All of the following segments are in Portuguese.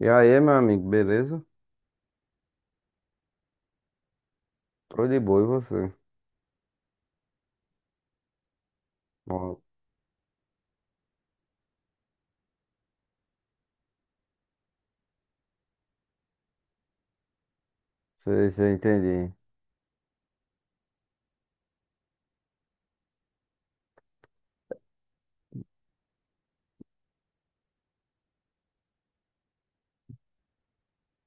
E aí, meu amigo, beleza? Tô de boa, e você? Ó, sei, sei, entendi.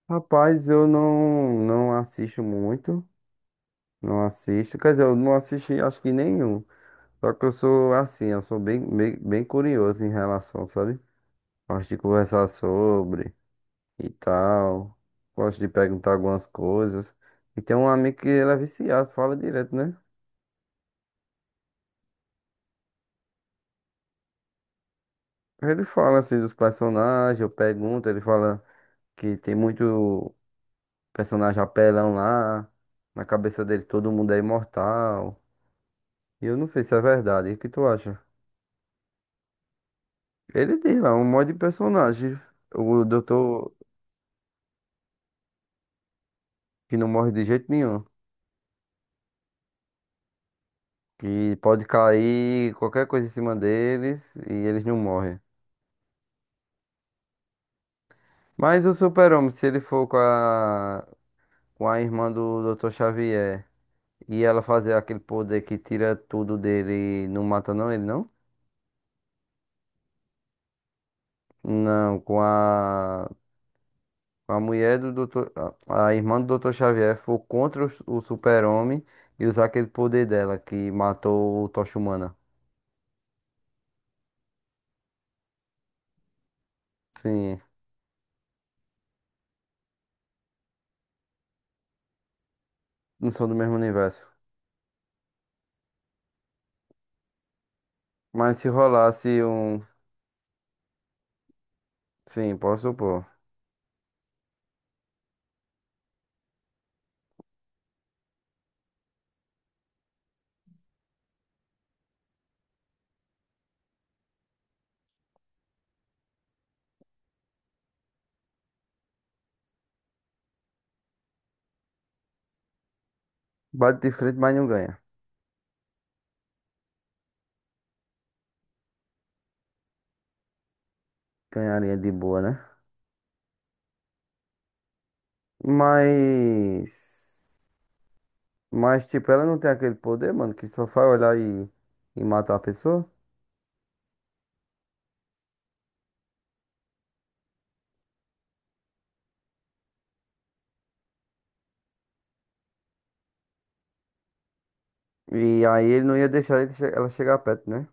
Rapaz, eu não assisto muito, não assisto, quer dizer, eu não assisti acho que nenhum. Só que eu sou assim, eu sou bem, bem, bem curioso em relação, sabe? Gosto de conversar sobre e tal, gosto de perguntar algumas coisas. E tem um amigo que ele é viciado, fala direto, né? Ele fala assim dos personagens, eu pergunto, ele fala que tem muito personagem apelão lá. Na cabeça dele todo mundo é imortal. E eu não sei se é verdade. E o que tu acha? Ele diz lá, um monte de personagem. O doutor que não morre de jeito nenhum. Que pode cair qualquer coisa em cima deles e eles não morrem. Mas o Super-Homem, se ele for com a irmã do Doutor Xavier e ela fazer aquele poder que tira tudo dele e não mata não ele, não? Não, com a mulher do doutor, a irmã do Doutor Xavier foi contra o Super-Homem e usar aquele poder dela que matou o Tocha Humana. Sim, não são do mesmo universo. Mas se rolasse um. Sim, posso supor. Bate de frente, mas não ganha. Ganharia de boa, né? Mas. Mas, tipo, ela não tem aquele poder, mano, que só faz olhar e matar a pessoa. E aí ele não ia deixar ela chegar perto, né?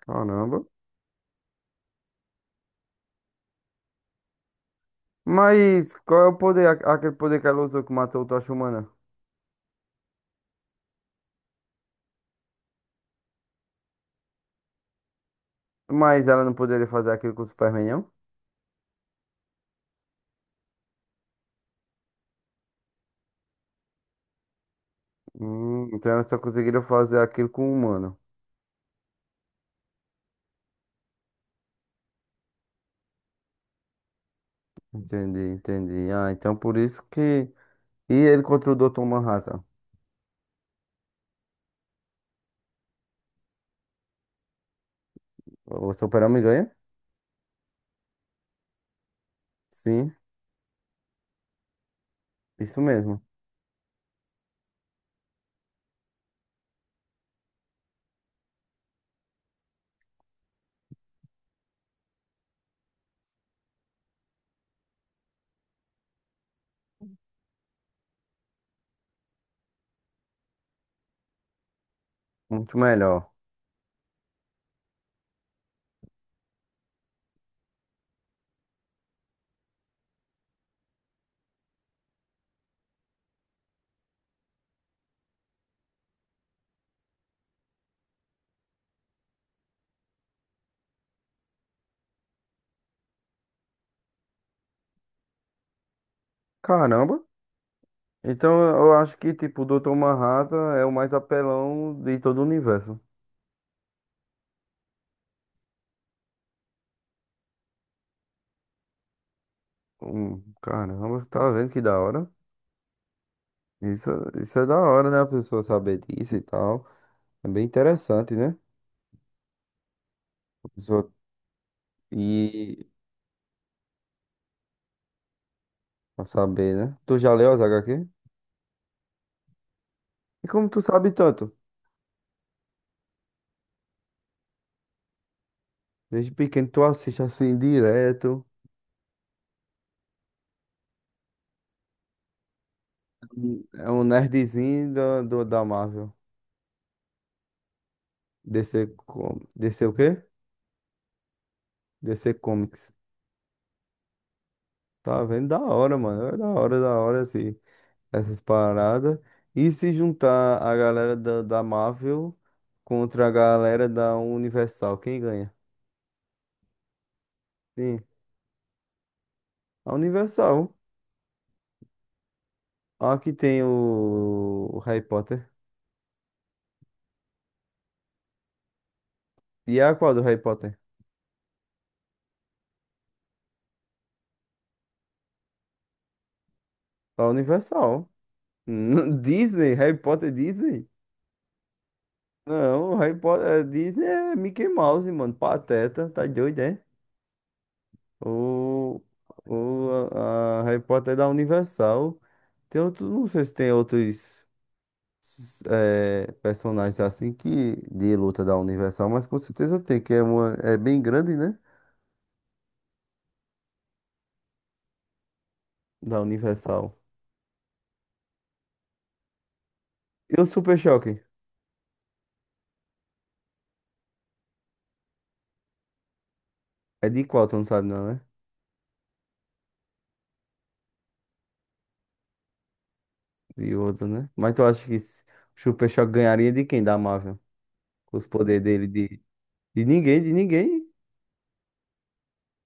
Caramba. Mas qual é o poder, aquele poder que ela usou que matou o Tocha Humana? Mas ela não poderia fazer aquilo com o Superman, não? Então ela só conseguiria fazer aquilo com o humano. Entendi, entendi. Ah, então por isso que. E ele contra o Dr. Manhattan. O super ganha? Sim, isso mesmo. Muito melhor. Caramba! Então eu acho que, tipo, o Dr. Manhattan é o mais apelão de todo o universo. Caramba, tá vendo que da hora? Isso, isso é da hora, né? A pessoa saber disso e tal. É bem interessante, né? A pessoa e pra saber, né? Tu já leu as HQ? E como tu sabe tanto? Desde pequeno tu assiste assim direto. É um nerdzinho da Marvel. DC, DC o quê? DC Comics. Tá vendo? Da hora, mano. É da hora, assim, essas paradas. E se juntar a galera da Marvel contra a galera da Universal, quem ganha? Sim, a Universal. Aqui tem o Harry Potter. E a qual do Harry Potter? A Universal. Disney, Harry Potter Disney? Não, Harry Potter Disney é Mickey Mouse, mano. Pateta, tá doido, é? O, a Harry Potter é da Universal. Tem outros, não sei se tem outros personagens assim que de luta da Universal, mas com certeza tem, que é uma é bem grande, né? Da Universal. E o Super Choque? É de qual? Tu não sabe não, né? Yoda, né? Mas tu acha o Super Choque ganharia de quem da Marvel? Com os poderes dele de ninguém, de ninguém.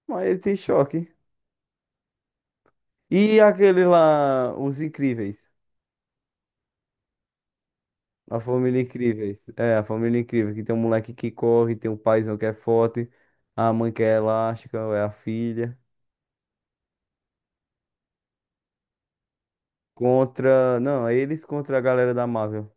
Mas ele tem choque. E aquele lá, os Incríveis. A família Incríveis. É, a família Incrível, que tem um moleque que corre, tem um paizão que é forte, a mãe que é elástica, é a filha. Contra. Não, é eles contra a galera da Marvel.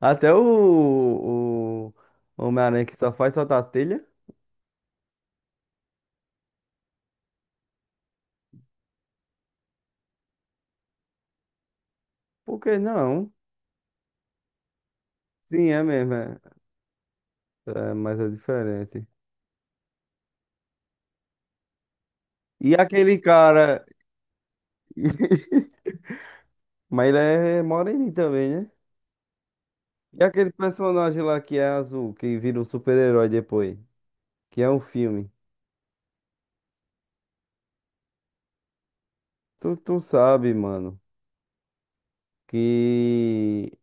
Até o Homem-Aranha que só faz soltar a telha. Por que não? Sim, é mesmo. É, é, mas é diferente. E aquele cara. Mas ele é moreninho também, né? E aquele personagem lá que é azul, que vira um super-herói depois, que é um filme. Tu sabe, mano, que.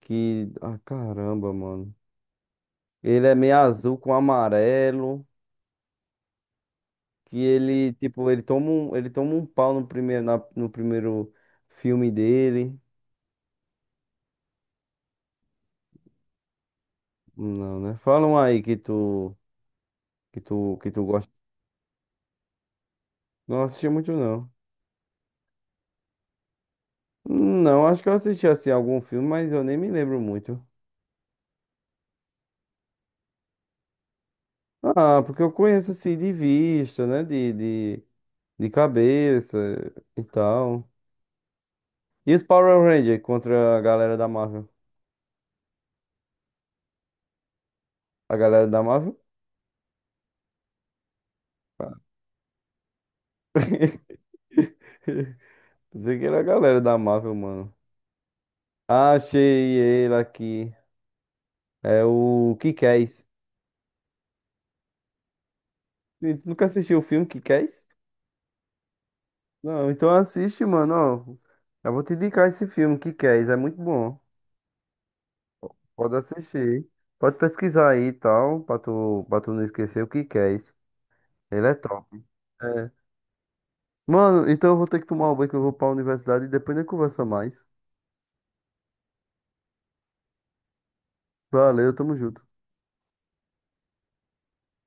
Que. Ah, caramba, mano. Ele é meio azul com amarelo. Que ele, tipo, ele toma um pau no primeiro filme dele. Não, né? Falam aí que tu. Que tu gosta. Não assisti muito, não. Não, acho que eu assisti assim algum filme, mas eu nem me lembro muito. Ah, porque eu conheço assim de vista, né? De cabeça e tal. E os Power Rangers contra a galera da Marvel? A galera da Marvel? Pensei que era a galera da Marvel, mano. Achei ele aqui. É o Kikés. Tu nunca assistiu o filme Kikés? Não, então assiste, mano. Ó, eu vou te indicar esse filme, Kikés. É muito bom. Pode assistir. Pode pesquisar aí e tal, pra tu não esquecer o que que é esse. Ele é top. É. Mano, então eu vou ter que tomar um banho que eu vou pra universidade e depois a gente conversa mais. Valeu, tamo junto.